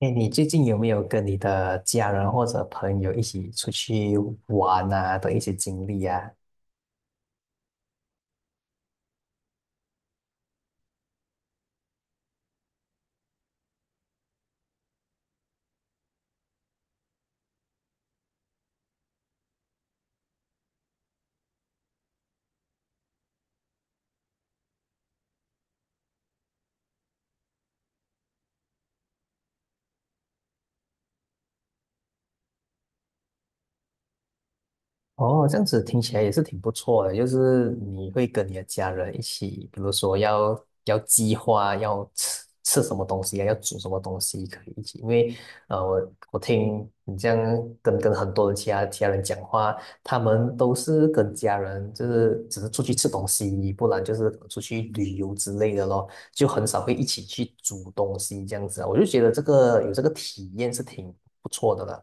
哎，你最近有没有跟你的家人或者朋友一起出去玩啊的一些经历啊？哦，这样子听起来也是挺不错的，就是你会跟你的家人一起，比如说要计划要吃什么东西啊，要煮什么东西，可以一起。因为我听你这样跟很多的其他人讲话，他们都是跟家人就是只是出去吃东西，不然就是出去旅游之类的咯，就很少会一起去煮东西这样子啊。我就觉得这个有这个体验是挺不错的啦。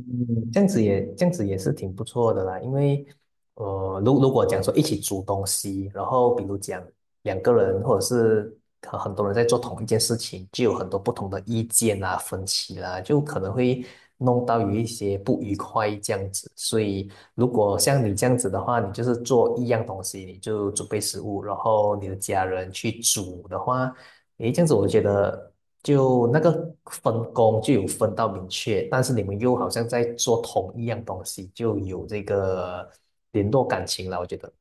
嗯，这样子也是挺不错的啦，因为如果讲说一起煮东西，然后比如讲两个人或者是很多人在做同一件事情，就有很多不同的意见啊、分歧啦，就可能会弄到有一些不愉快这样子。所以如果像你这样子的话，你就是做一样东西，你就准备食物，然后你的家人去煮的话，诶，这样子我觉得。就那个分工就有分到明确，但是你们又好像在做同一样东西，就有这个联络感情了，我觉得。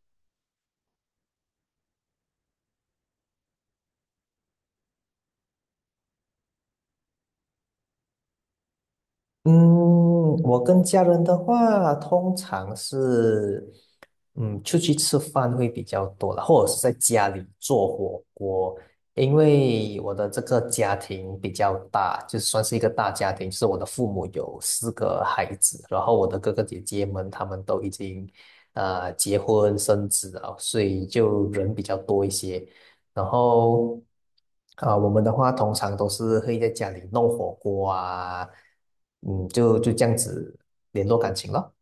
嗯，我跟家人的话，通常是，嗯，出去吃饭会比较多了，或者是在家里做火锅。因为我的这个家庭比较大，就算是一个大家庭，就是我的父母有四个孩子，然后我的哥哥姐姐们他们都已经，结婚生子了，所以就人比较多一些。然后，啊、我们的话通常都是会在家里弄火锅啊，嗯，就这样子联络感情咯。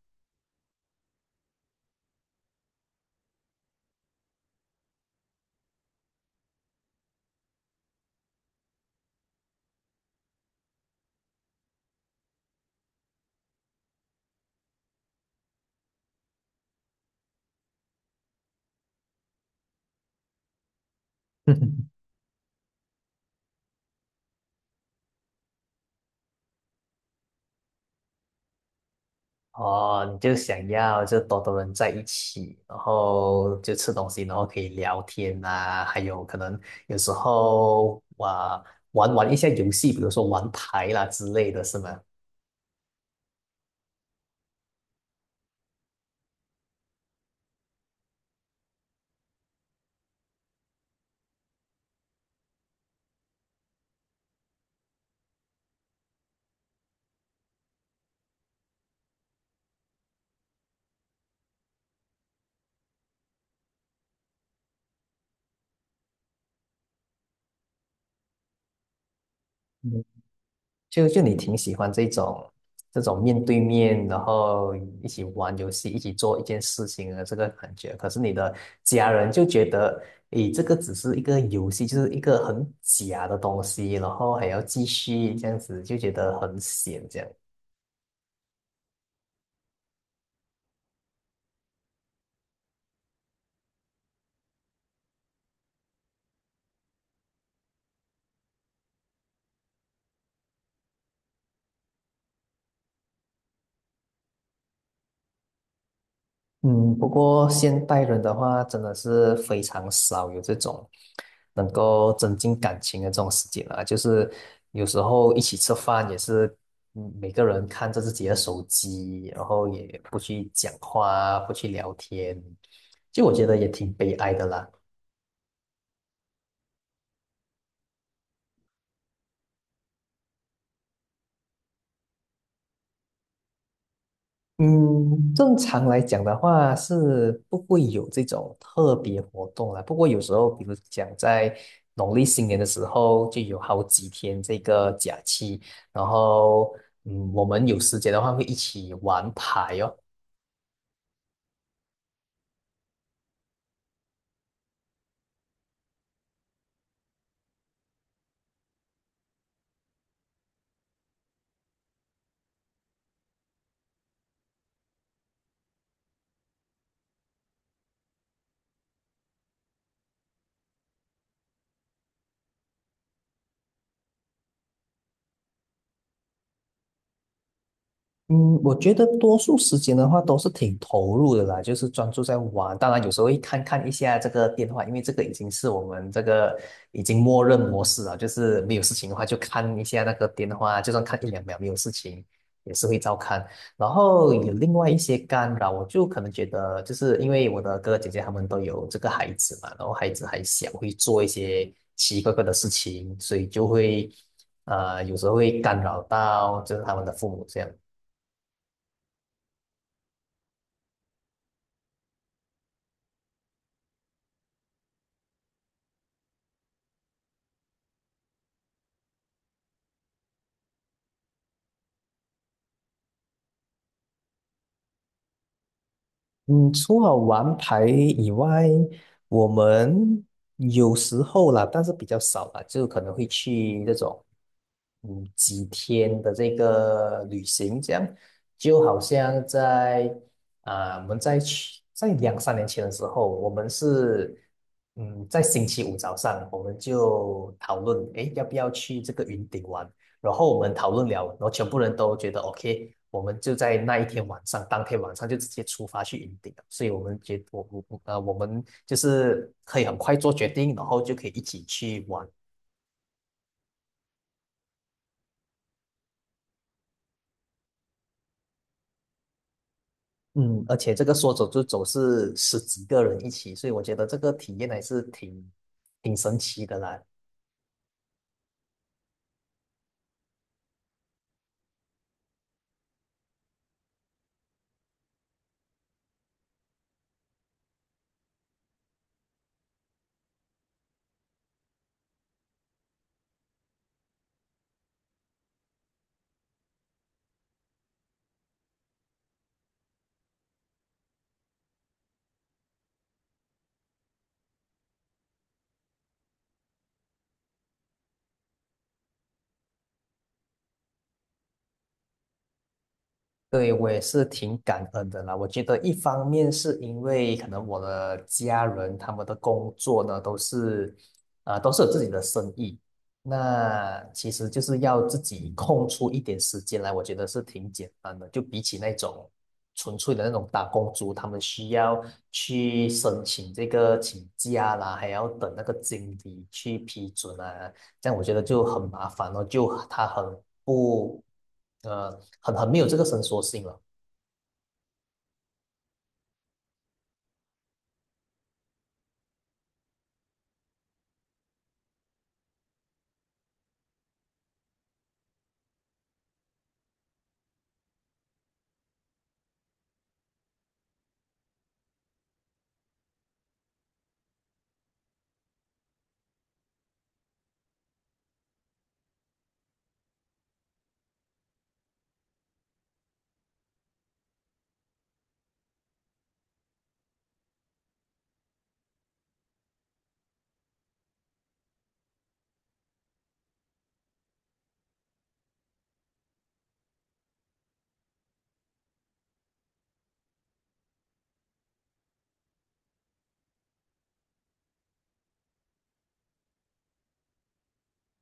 哦，你就想要就多多人在一起，然后就吃东西，然后可以聊天啊，还有可能有时候啊玩一下游戏，比如说玩牌啦之类的是吗？就你挺喜欢这种面对面，然后一起玩游戏，一起做一件事情的这个感觉。可是你的家人就觉得，诶，这个只是一个游戏，就是一个很假的东西，然后还要继续这样子，就觉得很闲这样。嗯，不过现代人的话，真的是非常少有这种能够增进感情的这种时间啊。就是有时候一起吃饭也是，嗯每个人看着自己的手机，然后也不去讲话啊，不去聊天，就我觉得也挺悲哀的啦。正常来讲的话是不会有这种特别活动啦。不过有时候，比如讲在农历新年的时候，就有好几天这个假期，然后嗯，我们有时间的话会一起玩牌哦。嗯，我觉得多数时间的话都是挺投入的啦，就是专注在玩。当然，有时候会看看一下这个电话，因为这个已经是我们这个已经默认模式了，就是没有事情的话就看一下那个电话，就算看一两秒没有事情，也是会照看。然后有另外一些干扰，我就可能觉得，就是因为我的哥哥姐姐他们都有这个孩子嘛，然后孩子还小，会做一些奇奇怪怪的事情，所以就会有时候会干扰到就是他们的父母这样。嗯，除了玩牌以外，我们有时候啦，但是比较少啦，就可能会去这种，嗯，几天的这个旅行，这样就好像在啊、我们在两三年前的时候，我们是嗯，在星期五早上，我们就讨论，诶，要不要去这个云顶玩？然后我们讨论了，然后全部人都觉得 OK，我们就在那一天晚上，当天晚上就直接出发去云顶了。所以我们觉我我我呃，我们就是可以很快做决定，然后就可以一起去玩。嗯，而且这个说走就走是十几个人一起，所以我觉得这个体验还是挺神奇的啦。对，我也是挺感恩的啦。我觉得一方面是因为可能我的家人他们的工作呢都是，都是有自己的生意，那其实就是要自己空出一点时间来，我觉得是挺简单的。就比起那种纯粹的那种打工族，他们需要去申请这个请假啦，还要等那个经理去批准啊，这样我觉得就很麻烦哦，就他很不，很没有这个伸缩性了。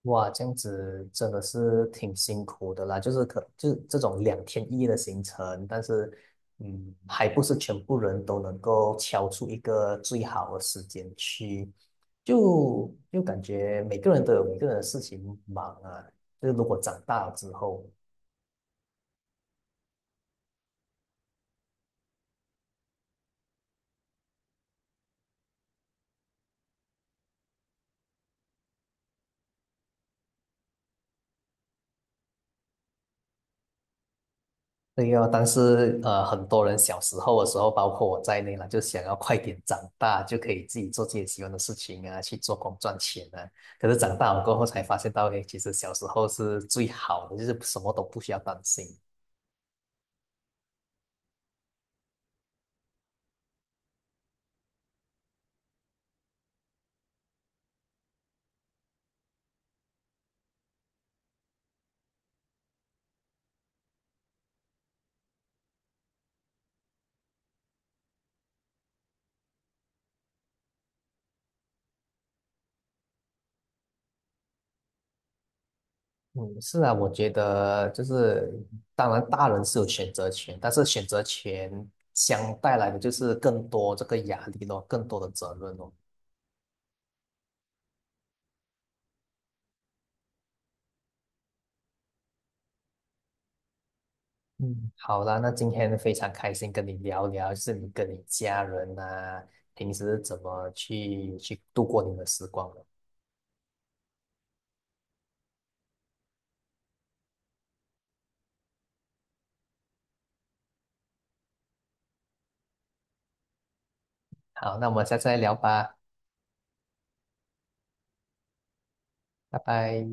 哇，这样子真的是挺辛苦的啦，就是可就是这种两天一夜的行程，但是嗯，还不是全部人都能够敲出一个最好的时间去，就感觉每个人都有每个人的事情忙啊。就是如果长大了之后。对哦，但是很多人小时候的时候，包括我在内了，就想要快点长大，就可以自己做自己喜欢的事情啊，去做工赚钱啊。可是长大了过后才发现到，诶，其实小时候是最好的，就是什么都不需要担心。嗯，是啊，我觉得就是，当然大人是有选择权，但是选择权相带来的就是更多这个压力咯，更多的责任咯。嗯，好啦，那今天非常开心跟你聊聊，就是你跟你家人啊，平时怎么去度过你的时光的。好，那我们下次再聊吧，拜拜。